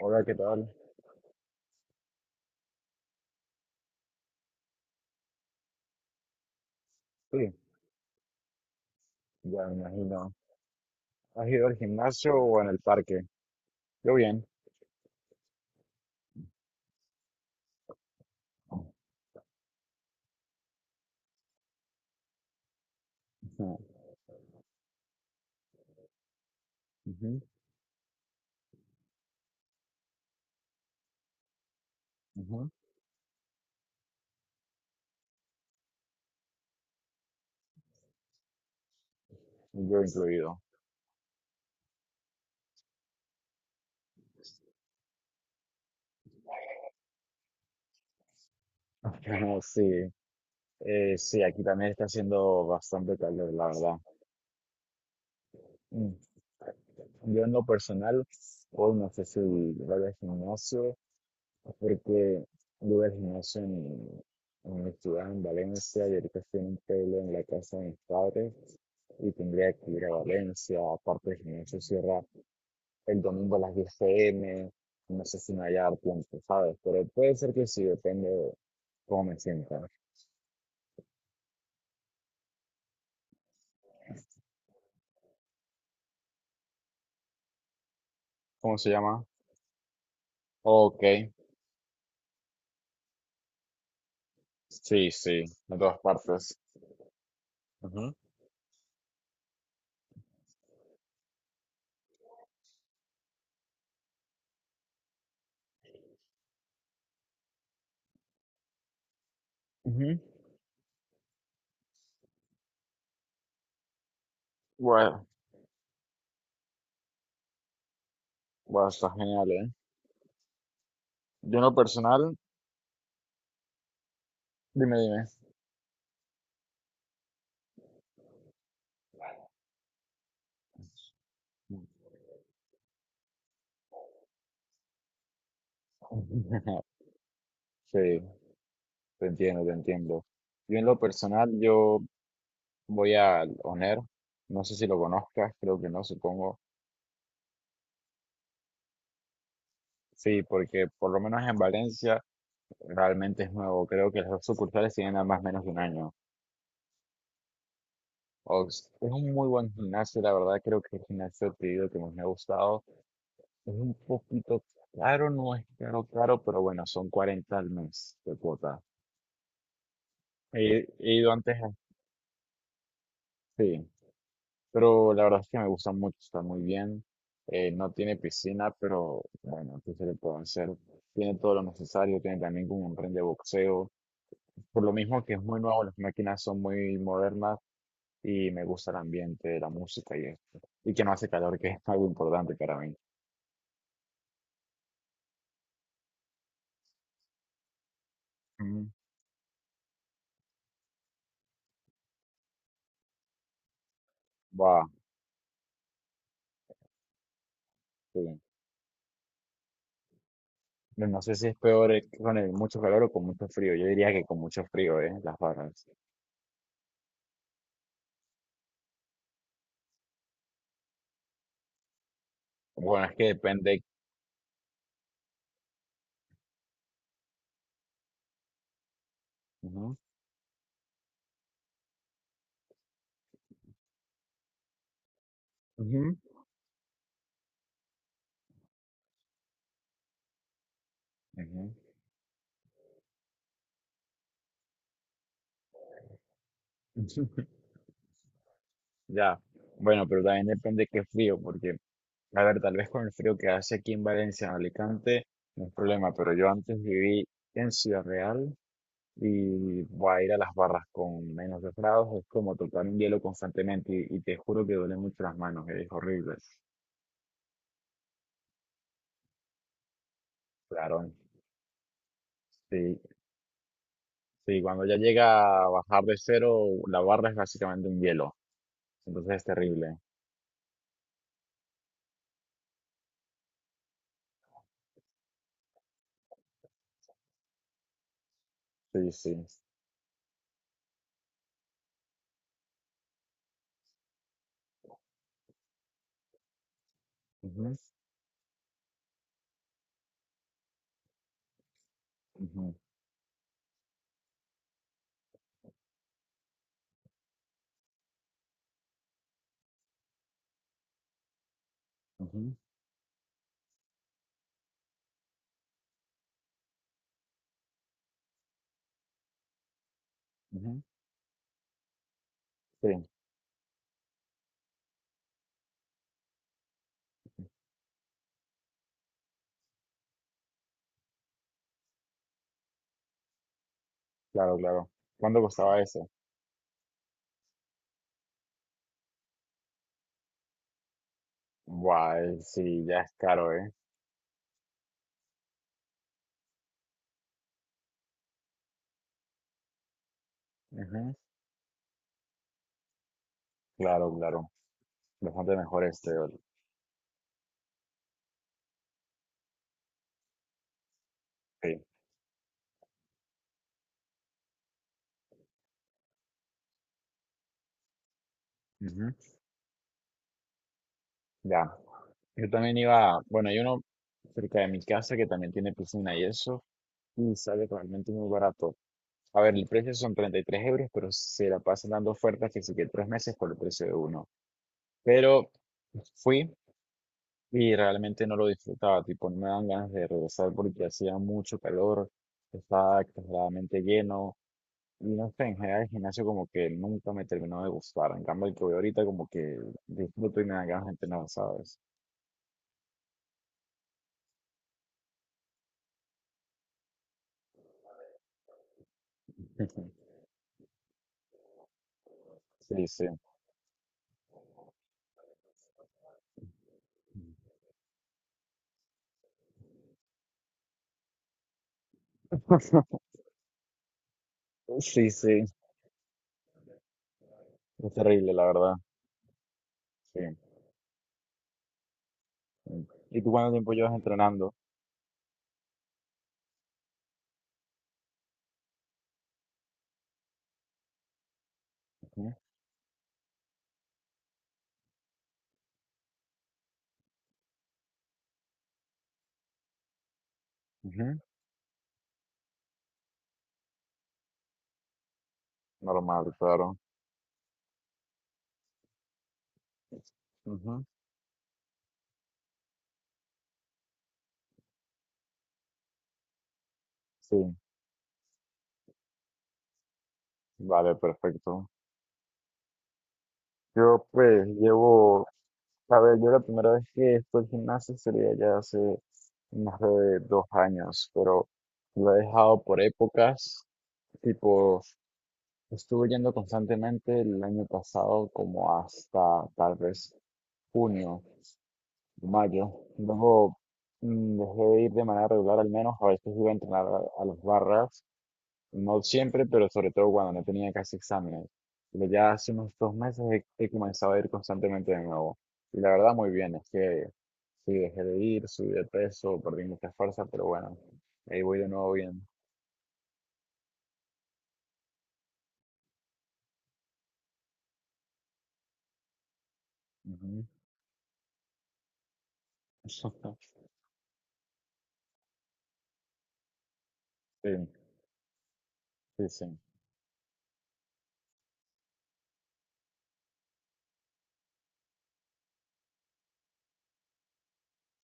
Hola, ¿qué tal? Sí, ya me imagino. ¿Has ido al gimnasio o en el parque? Yo bien. Ujú, ujú, ujú. Yo incluido. Pero sí, sí, aquí también está haciendo bastante calor, la verdad. Mm. Yo en lo personal, hoy no sé si voy al gimnasio, porque yo voy al gimnasio en mi ciudad, en Valencia, y ahorita estoy en un pueblo en la casa de mis padres, y tendría que ir a Valencia, aparte el gimnasio cierra el domingo a las 10 p.m., no sé si me vaya a dar tiempo, ¿sabes? Pero puede ser que sí, depende de cómo me sienta. ¿Cómo se llama? Ok. Sí, sí, en todas partes. Ujú. Ujú. Bueno, bueno, está genial, ¿eh? Yo en lo personal, dime, dime. Sí, te entiendo, te entiendo. Yo en lo personal, yo voy al ONER, no sé si lo conozcas, creo que no, supongo. Sí, porque por lo menos en Valencia realmente es nuevo, creo que las dos sucursales tienen ambas menos de un año. Ox, es un muy buen gimnasio, la verdad creo que el gimnasio que he ido que más me ha gustado es un poquito caro, no es caro, caro, pero bueno, son 40 euros al mes de cuota. He ido antes, sí, pero la verdad es que me gusta mucho, está muy bien. No tiene piscina, pero bueno, ¿qué se le puede hacer? Tiene todo lo necesario, tiene también como un ring de boxeo. Por lo mismo que es muy nuevo, las máquinas son muy modernas, y me gusta el ambiente, la música y esto. Y que no hace calor, que es algo importante para mí. Mm. Wow, qué bien. No sé si es peor con el mucho calor o con mucho frío. Yo diría que con mucho frío, ¿eh? Las barras. Bueno, es que depende. Ujú, ujú, ujú. Ya, bueno, pero también depende qué frío, porque, a ver, tal vez con el frío que hace aquí en Valencia, en Alicante, no es problema, pero yo antes viví en Ciudad Real y voy a ir a las barras con menos 2 grados, es como tocar un hielo constantemente y te juro que duele mucho las manos, es horrible. Claro, sí, sí, cuando ya llega a bajar de cero, la barra es básicamente un hielo, entonces es terrible. Sí, sí. Ujú, ujú, ujú, ujú. Sí, claro, claro. ¿Cuánto costaba eso? Guay, sí, ya es caro, ¿eh? Ujú, claro, claro. Bastante mejor este, sí. Ujú, ya. Yo también iba, bueno, hay uno cerca de mi casa que también tiene piscina y eso, y sale realmente muy barato. A ver, el precio son 33 euros, pero se la pasan dando ofertas que sí que tres meses por el precio de uno. Pero fui y realmente no lo disfrutaba, tipo, no me dan ganas de regresar porque hacía mucho calor, estaba exageradamente lleno, y no sé, en general el gimnasio como que nunca me terminó de gustar. En cambio, el que voy ahorita como que disfruto y me dan ganas de entrenar, ¿sabes? Sí, sí. Sí, sí. Es terrible, la verdad. Sí. Sí. ¿Y tú cuánto tiempo llevas entrenando? Ujú, ujú, normal, claro. Ujú, sí, vale, perfecto. Yo pues llevo, a ver, yo la primera vez que estoy al gimnasio sería ya hace más de 2 años, pero lo he dejado por épocas. Tipo, estuve yendo constantemente el año pasado como hasta tal vez junio. Mayo, luego dejé de ir de manera regular al menos, a veces iba a entrenar a las barras, no siempre, pero sobre todo cuando no tenía casi exámenes. Pero ya hace unos 2 meses he comenzado a ir constantemente de nuevo. Y la verdad muy bien, es que sí, dejé de ir, subí de peso, perdí mucha fuerza, pero bueno, ahí voy de nuevo bien. Ujú. Sí, sí, sí,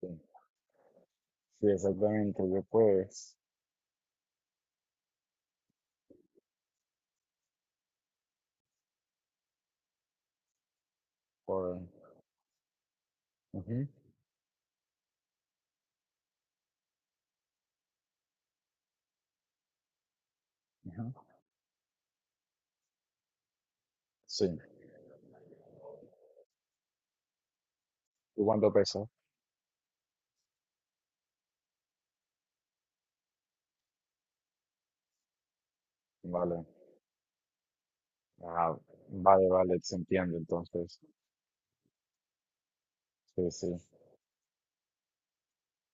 sí, sí, exactamente, yo pues, por... ujú, ujú, sí, ¿y cuánto peso? Vale. Ah, vale, vale, se entiende entonces. Sí, sí.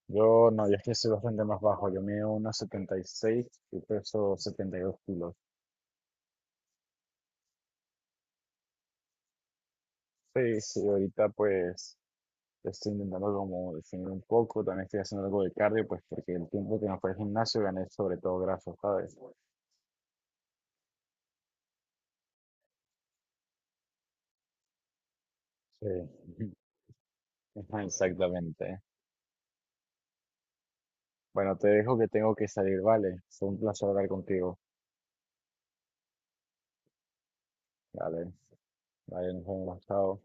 Yo no, yo es que soy bastante más bajo. Yo mido unos 1,76 y peso 72 kilos. Sí, sí, ahorita pues estoy intentando como definir un poco. También estoy haciendo algo de cardio, pues porque el tiempo que me fue al gimnasio gané sobre todo grasa, ¿sabes? Sí, ajá, exactamente. Bueno, te dejo que tengo que salir, ¿vale? Fue un placer hablar contigo. Vale, vale, nos vemos, chao.